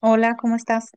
Hola, ¿cómo estás?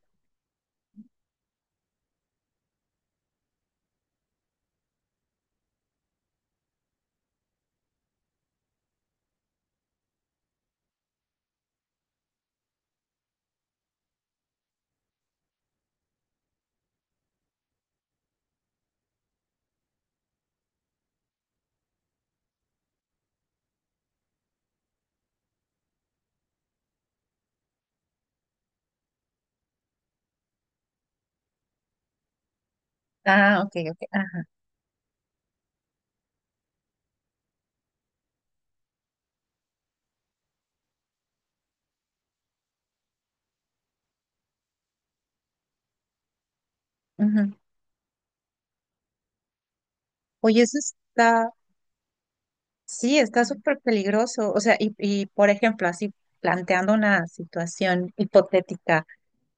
Ah, ok, ok. Ajá. Ujú. Oye, eso está, sí, está súper peligroso. O sea, y por ejemplo, así planteando una situación hipotética,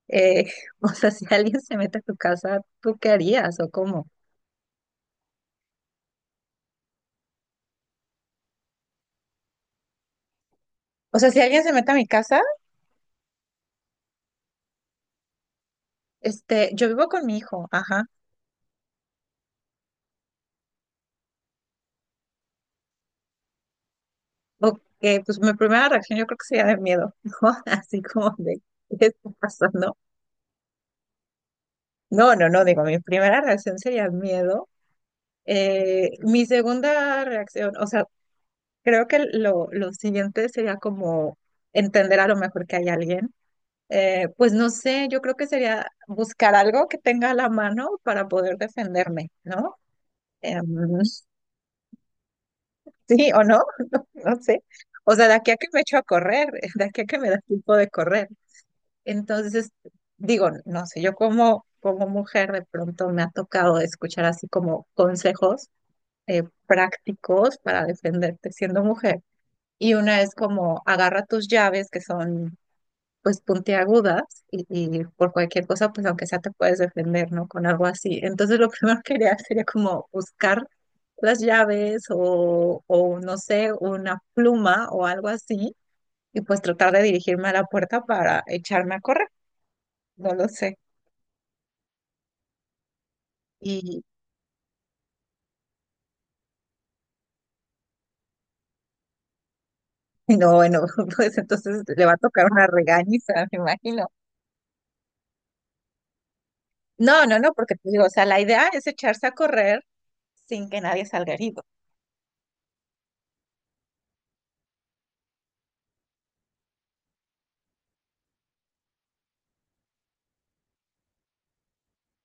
eh, o sea, si alguien se mete a tu casa, ¿tú qué harías o cómo? O sea, si alguien se mete a mi casa, este, yo vivo con mi hijo, ajá. Ok, pues mi primera reacción yo creo que sería de miedo, ¿no? Así como de, ¿qué está pasando? No, no, no, digo, mi primera reacción sería miedo. Mi segunda reacción, o sea, creo que lo siguiente sería como entender a lo mejor que hay alguien. Pues no sé, yo creo que sería buscar algo que tenga a la mano para poder defenderme, ¿no? Em, sí o no, no, no sé. O sea, de aquí a que me echo a correr, de aquí a que me da tiempo de correr. Entonces, digo, no sé, yo como, como mujer de pronto me ha tocado escuchar así como consejos prácticos para defenderte siendo mujer. Y una es como agarra tus llaves que son pues puntiagudas y por cualquier cosa pues aunque sea te puedes defender, ¿no? Con algo así. Entonces lo primero que haría sería como buscar las llaves o no sé, una pluma o algo así y pues tratar de dirigirme a la puerta para echarme a correr, no lo sé. Y, y no, bueno, pues entonces le va a tocar una regañiza, me imagino. No, no, no, porque te digo, o sea, la idea es echarse a correr sin que nadie salga herido.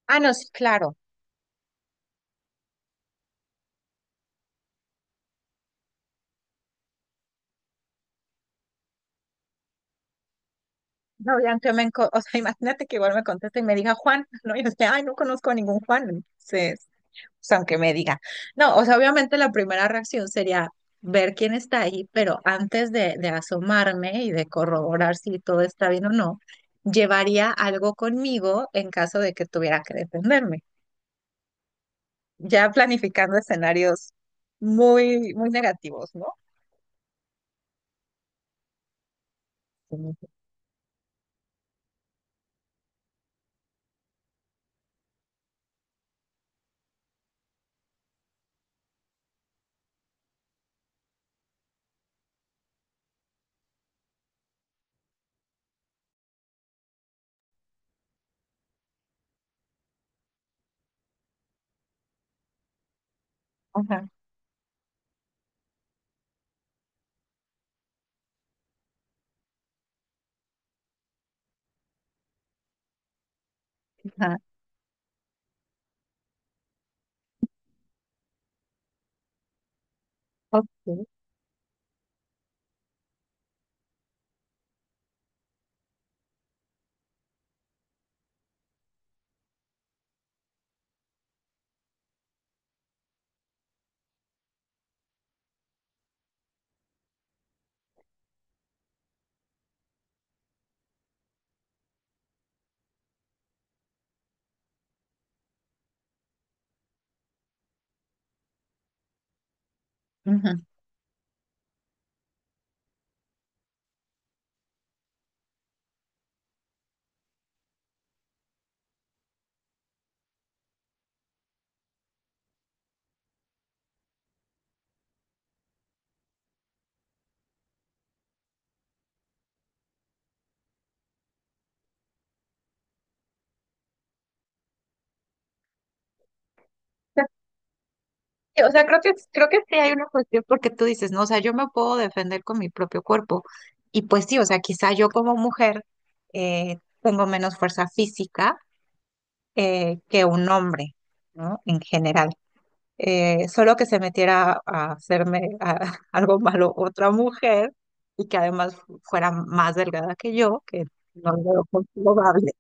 Ah, no, sí, claro. No, ya aunque me, enco- o sea, imagínate que igual me conteste y me diga Juan, ¿no? Y yo sea, ay, no conozco a ningún Juan. Entonces, o sea, aunque me diga. No, o sea, obviamente la primera reacción sería ver quién está ahí, pero antes de asomarme y de corroborar si todo está bien o no, llevaría algo conmigo en caso de que tuviera que defenderme. Ya planificando escenarios muy, muy negativos, ¿no? Ajá, ajá. Ok. Ujú. O sea, creo que sí hay una cuestión porque tú dices, no, o sea, yo me puedo defender con mi propio cuerpo. Y pues sí, o sea, quizá yo como mujer tengo menos fuerza física que un hombre, ¿no? En general. Solo que se metiera a hacerme a- algo malo otra mujer y que además fuera más delgada que yo, que no lo veo comprobable.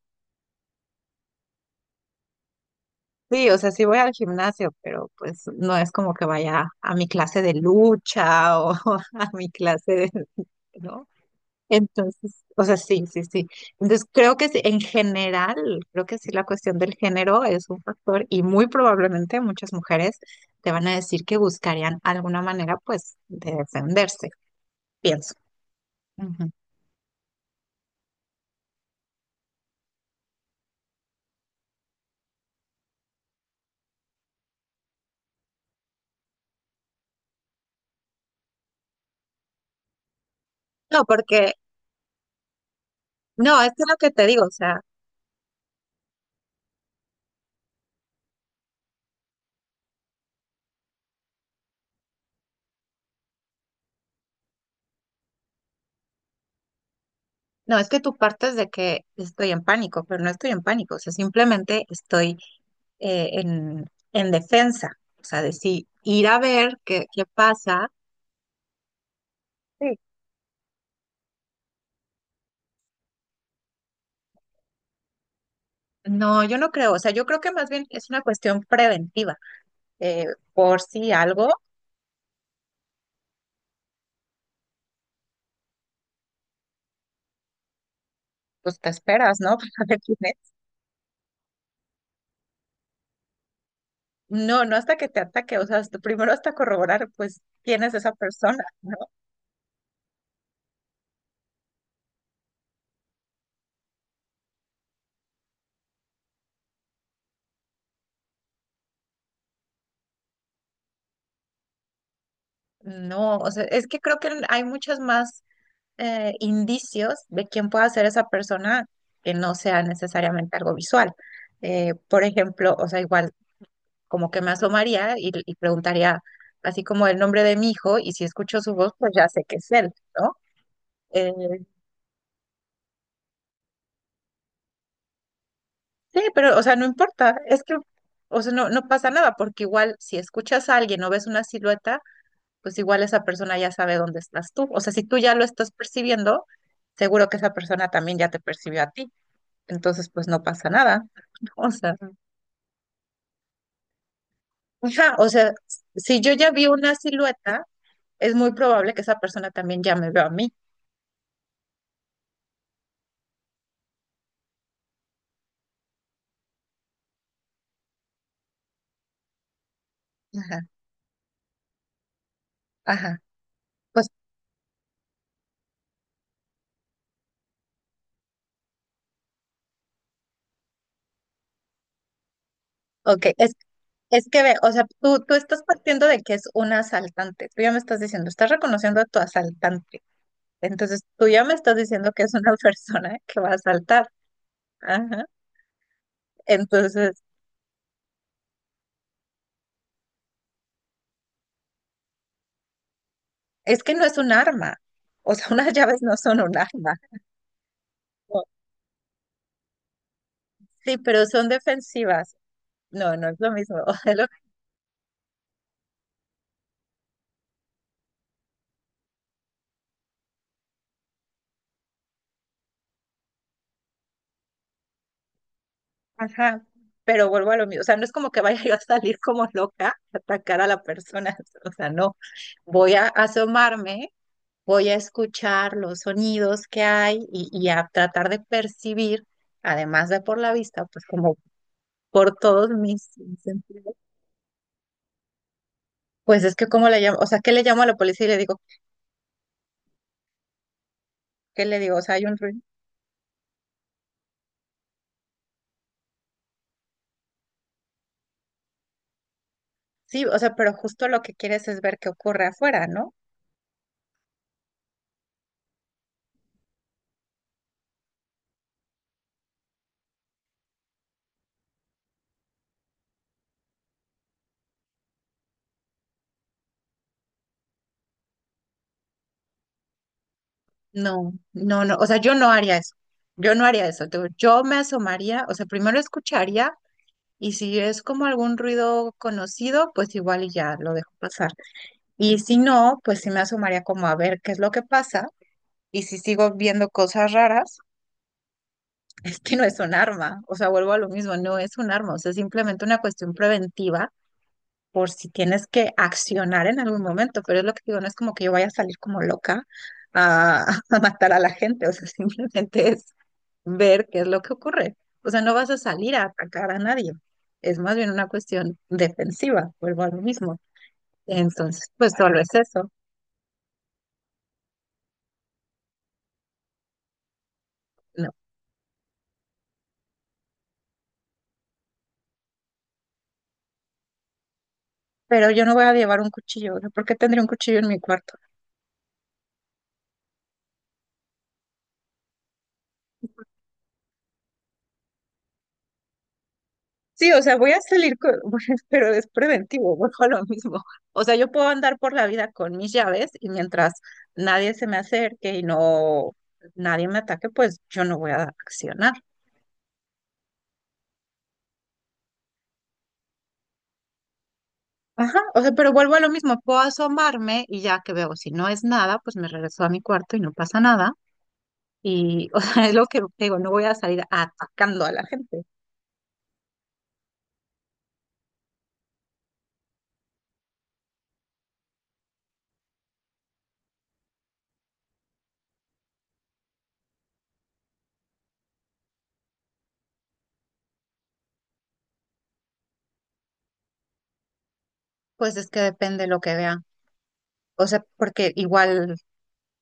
Sí, o sea, sí voy al gimnasio, pero pues no es como que vaya a mi clase de lucha o a mi clase de, ¿no? Entonces, o sea, sí, sí, sí. Entonces, creo que sí, en general, creo que sí la cuestión del género es un factor y muy probablemente muchas mujeres te van a decir que buscarían alguna manera, pues, de defenderse, pienso. Ujú. No, porque, no, es que es lo que te digo, o sea, no, es que tú partes de que estoy en pánico, pero no estoy en pánico, o sea, simplemente estoy en defensa, o sea, de si ir a ver qué, qué pasa. Sí, no, yo no creo, o sea, yo creo que más bien es una cuestión preventiva. eh, por si algo, pues te esperas, ¿no? Para ver quién es. No, no hasta que te ataque, o sea, hasta- primero hasta corroborar, pues, quién es esa persona, ¿no? No, o sea, es que creo que hay muchos más indicios de quién pueda ser esa persona que no sea necesariamente algo visual. Por ejemplo, o sea, igual como que me asomaría y preguntaría así como el nombre de mi hijo y si escucho su voz, pues ya sé que es él, ¿no? Eh, sí, pero, o sea, no importa, es que, o sea, no, no pasa nada, porque igual si escuchas a alguien o ves una silueta, pues igual esa persona ya sabe dónde estás tú. O sea, si tú ya lo estás percibiendo, seguro que esa persona también ya te percibió a ti. Entonces, pues no pasa nada. O sea, ajá, o sea, si yo ya vi una silueta, es muy probable que esa persona también ya me vea a mí. Ajá, ajá. Pues ok, es que ve, o sea, tú estás partiendo de que es un asaltante. Tú ya me estás diciendo, estás reconociendo a tu asaltante. Entonces, tú ya me estás diciendo que es una persona que va a asaltar. Ajá. Entonces, es que no es un arma. O sea, unas llaves no son un arma. No. Sí, pero son defensivas. No, no es lo mismo. Es lo- Ajá. Pero vuelvo a lo mismo. O sea, no es como que vaya yo a salir como loca a atacar a la persona. O sea, no. Voy a asomarme, voy a escuchar los sonidos que hay y a tratar de percibir, además de por la vista, pues como por todos mis sentidos. Pues es que cómo le llamo, o sea, ¿qué le llamo a la policía y le digo, qué le digo? O sea, hay un ruido. Sí, o sea, pero justo lo que quieres es ver qué ocurre afuera, ¿no? No, no, no, o sea, yo no haría eso. Yo no haría eso. Te digo, yo me asomaría, o sea, primero escucharía y si es como algún ruido conocido, pues igual y ya lo dejo pasar. Y si no, pues sí me asomaría como a ver qué es lo que pasa. Y si sigo viendo cosas raras, es que no es un arma. O sea, vuelvo a lo mismo, no es un arma. O sea, es simplemente una cuestión preventiva por si tienes que accionar en algún momento. Pero es lo que digo, no es como que yo vaya a salir como loca a, a matar a la gente. O sea, simplemente es ver qué es lo que ocurre. O sea, no vas a salir a atacar a nadie. Es más bien una cuestión defensiva, vuelvo a lo mismo. Entonces, pues solo es eso. No. Pero yo no voy a llevar un cuchillo. O sea, ¿por qué tendría un cuchillo en mi cuarto? Sí, o sea, voy a salir con, pero es preventivo, vuelvo a lo mismo. O sea, yo puedo andar por la vida con mis llaves y mientras nadie se me acerque y nadie me ataque, pues yo no voy a accionar. Ajá, o sea, pero vuelvo a lo mismo, puedo asomarme y ya que veo, si no es nada, pues me regreso a mi cuarto y no pasa nada. Y, o sea, es lo que digo, no voy a salir atacando a la gente. Pues es que depende de lo que vea. O sea, porque igual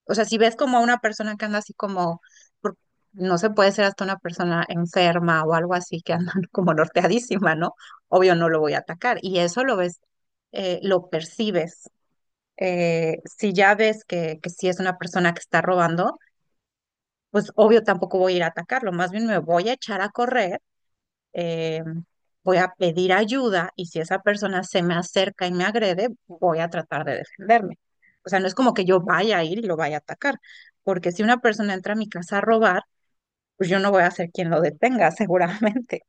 o sea, si ves como a una persona que anda así como, por- no se puede ser hasta una persona enferma o algo así que anda como norteadísima, ¿no? Obvio no lo voy a atacar. Y eso lo ves, lo percibes. Si ya ves que si es una persona que está robando, pues obvio tampoco voy a ir a atacarlo. Más bien me voy a echar a correr, eh, voy a pedir ayuda y si esa persona se me acerca y me agrede, voy a tratar de defenderme. O sea, no es como que yo vaya a ir y lo vaya a atacar, porque si una persona entra a mi casa a robar, pues yo no voy a ser quien lo detenga, seguramente.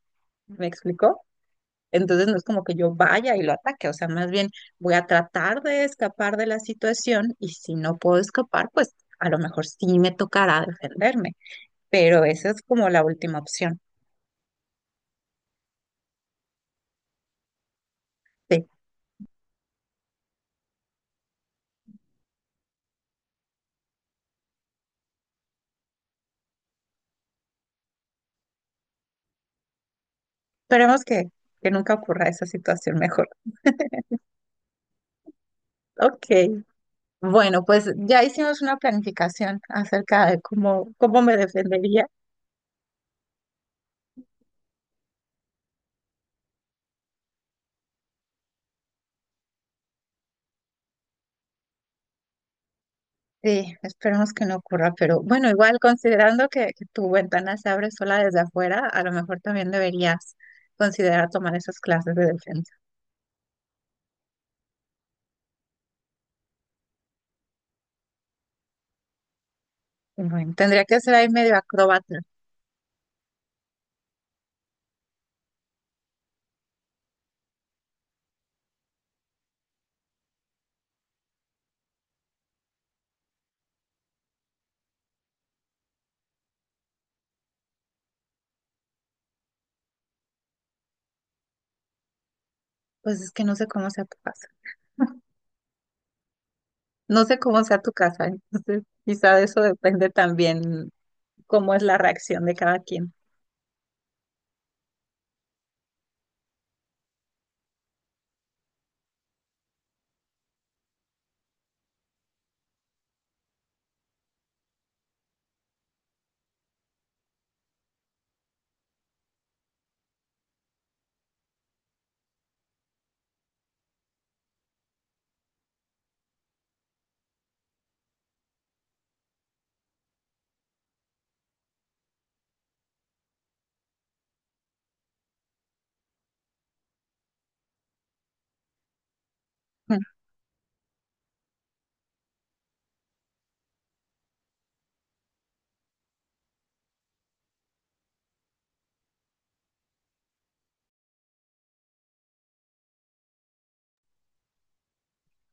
¿Me explicó? Entonces no es como que yo vaya y lo ataque, o sea, más bien voy a tratar de escapar de la situación y si no puedo escapar, pues a lo mejor sí me tocará defenderme, pero esa es como la última opción. Sí. Esperemos que nunca ocurra esa situación mejor. Ok, bueno, pues ya hicimos una planificación acerca de cómo, cómo me defendería. Sí, esperemos que no ocurra, pero bueno, igual considerando que tu ventana se abre sola desde afuera, a lo mejor también deberías considerar tomar esas clases de defensa. Bueno, tendría que ser ahí medio acróbata. Pues es que no sé cómo sea tu casa. No sé cómo sea tu casa, entonces quizá de eso depende también cómo es la reacción de cada quien.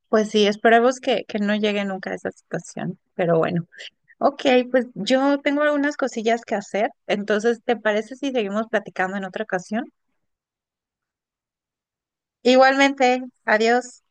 Pues sí, esperemos que no llegue nunca a esa situación, pero bueno. Ok, pues yo tengo algunas cosillas que hacer, entonces, ¿te parece si seguimos platicando en otra ocasión? Igualmente, adiós.